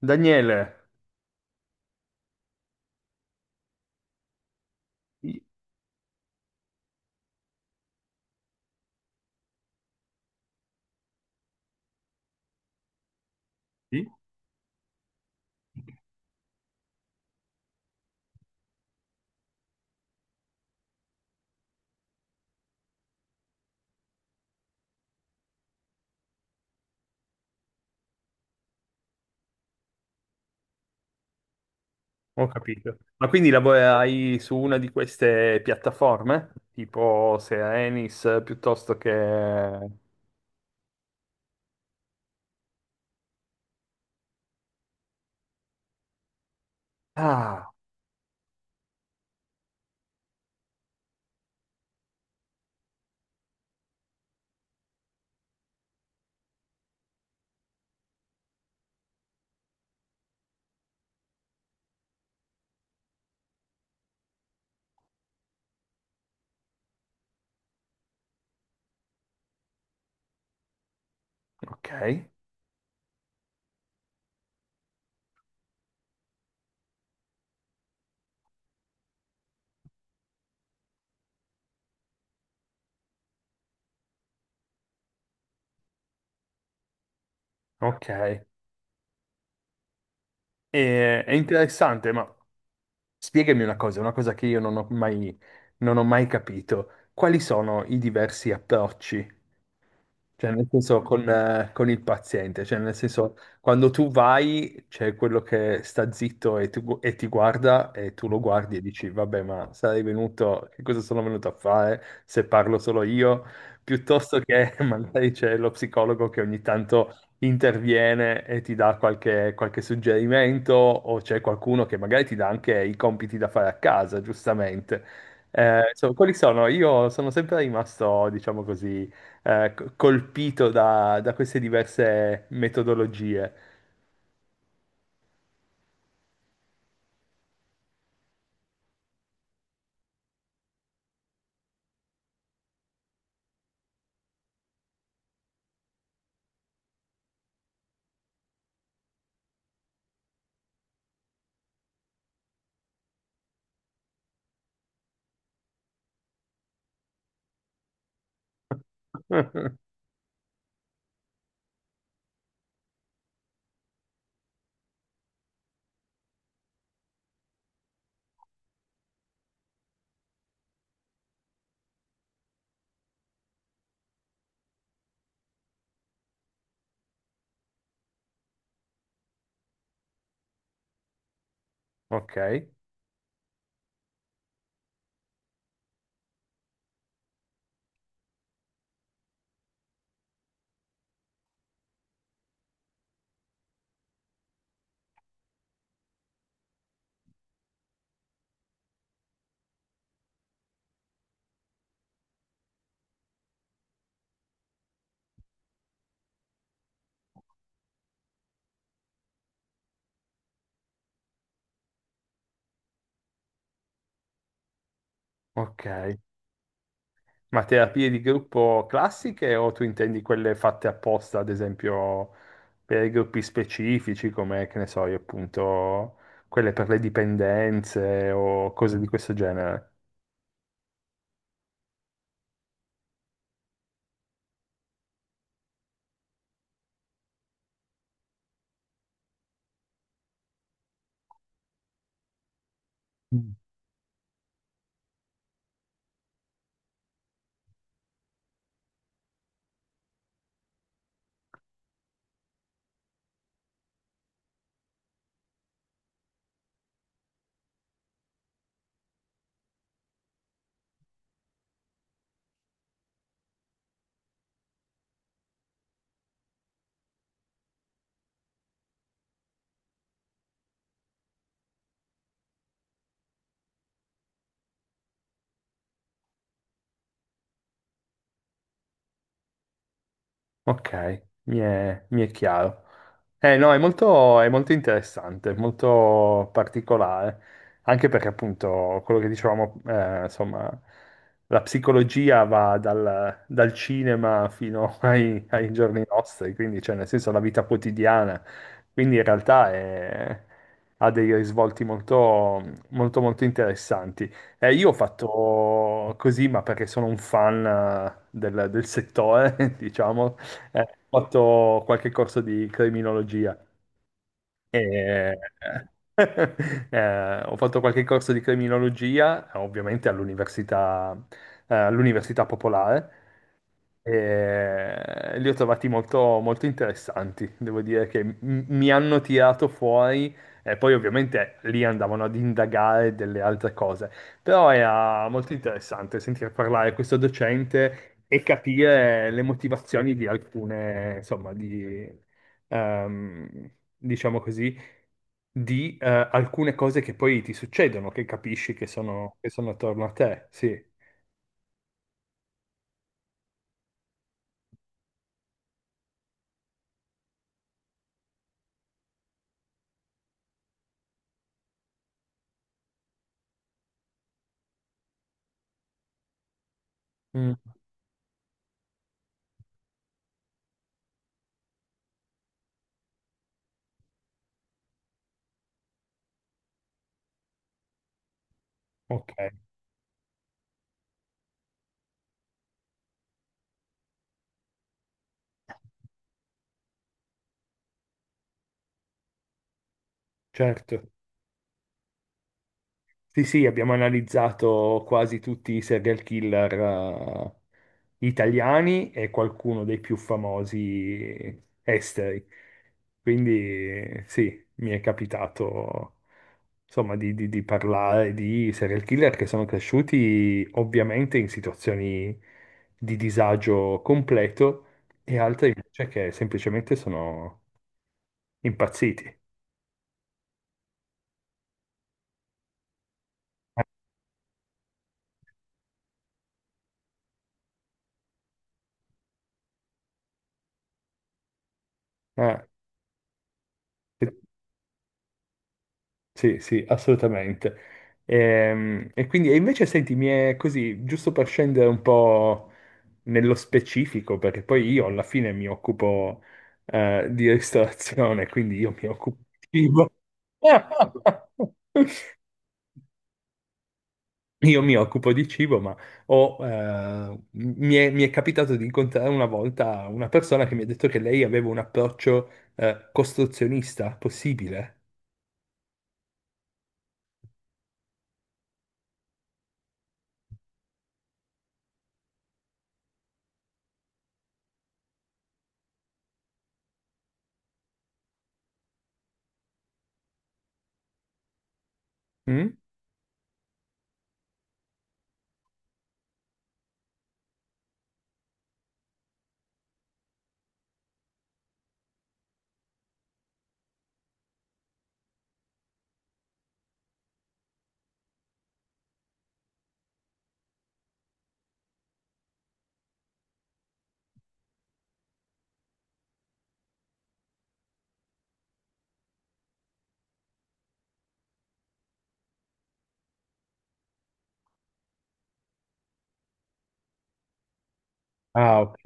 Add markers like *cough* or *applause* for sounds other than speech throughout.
Daniele, ho capito. Ma quindi lavorerai su una di queste piattaforme? Tipo sia Enis piuttosto che... Ah, ok, ok. È interessante, ma spiegami una cosa che io non ho mai capito. Quali sono i diversi approcci. Cioè, nel senso, con il paziente, cioè, nel senso, quando tu vai, c'è quello che sta zitto e, e ti guarda e tu lo guardi e dici, vabbè, ma sarei venuto, che cosa sono venuto a fare se parlo solo io? Piuttosto che *laughs* magari c'è lo psicologo che ogni tanto interviene e ti dà qualche suggerimento, o c'è qualcuno che magari ti dà anche i compiti da fare a casa, giustamente. Insomma, quelli sono, io sono sempre rimasto, diciamo così, colpito da queste diverse metodologie. Eh, ok, ok. Ma terapie di gruppo classiche o tu intendi quelle fatte apposta, ad esempio, per i gruppi specifici, come, che ne so, io appunto, quelle per le dipendenze o cose di questo genere? Mm. Ok, mi è chiaro. Eh no, è molto interessante, molto particolare, anche perché appunto quello che dicevamo, insomma, la psicologia va dal cinema fino *laughs* ai giorni nostri, quindi cioè nel senso la vita quotidiana, quindi in realtà ha dei risvolti molto, molto, molto interessanti. Io ho fatto così, ma perché sono un fan del settore, *laughs* diciamo, eh, ho fatto qualche corso di criminologia e *laughs* ho fatto qualche corso di criminologia, ovviamente all'università popolare, e li ho trovati molto, molto interessanti, devo dire che mi hanno tirato fuori e poi ovviamente lì andavano ad indagare delle altre cose, però era molto interessante sentire parlare questo docente e capire le motivazioni di alcune, insomma, di, ehm, diciamo così, di alcune cose che poi ti succedono, che capisci che sono attorno a te, sì. Mm, ok, certo. Sì, sì, abbiamo analizzato quasi tutti i serial killer italiani e qualcuno dei più famosi esteri. Quindi sì, mi è capitato insomma di parlare di serial killer che sono cresciuti ovviamente in situazioni di disagio completo e altri invece che semplicemente sono impazziti. Eh, eh, Sì, sì, assolutamente. Quindi, e invece senti, mi è così, giusto per scendere un po' nello specifico, perché poi io alla fine mi occupo di ristorazione, quindi io mi occupo di cibo. *laughs* Io mi occupo di cibo, ma mi è capitato di incontrare una volta una persona che mi ha detto che lei aveva un approccio costruzionista possibile. Mm? Ah, ok.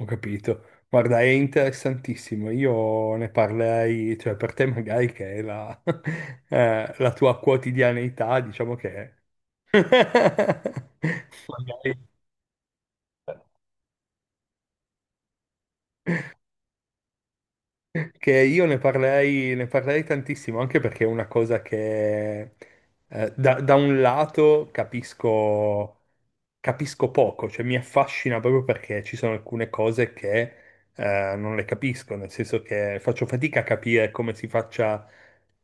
Ho capito. Guarda, è interessantissimo. Io ne parlerei, cioè per te magari che è la, *laughs* la tua quotidianità, diciamo che *laughs* magari che io ne parlerei tantissimo, anche perché è una cosa che da un lato capisco, capisco poco, cioè mi affascina proprio perché ci sono alcune cose che non le capisco, nel senso che faccio fatica a capire come si faccia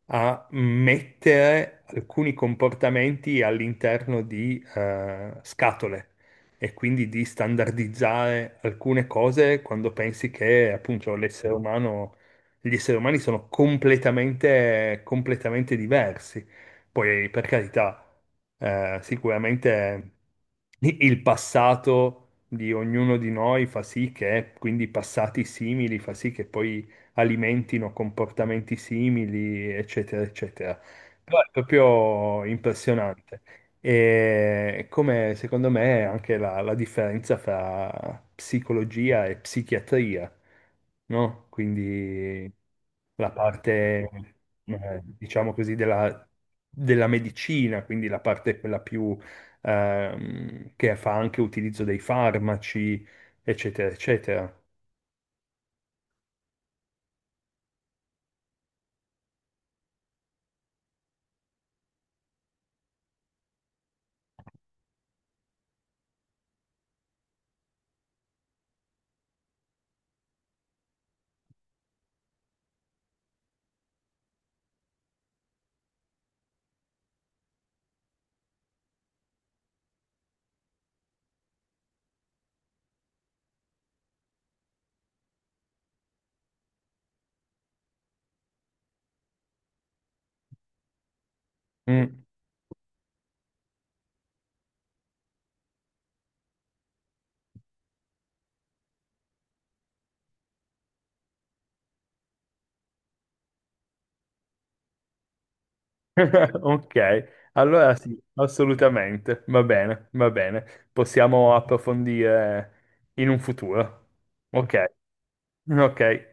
a mettere alcuni comportamenti all'interno di scatole e quindi di standardizzare alcune cose quando pensi che appunto l'essere umano, gli esseri umani sono completamente, completamente diversi. Poi, per carità, sicuramente il passato di ognuno di noi fa sì che, quindi passati simili, fa sì che poi alimentino comportamenti simili, eccetera, eccetera. Però è proprio impressionante. E come secondo me anche la differenza fra psicologia e psichiatria, no? Quindi la parte, diciamo così, della medicina, quindi la parte quella più che fa anche utilizzo dei farmaci, eccetera, eccetera. Mm. *laughs* Ok, allora sì, assolutamente, va bene, possiamo approfondire in un futuro. Ok, ok.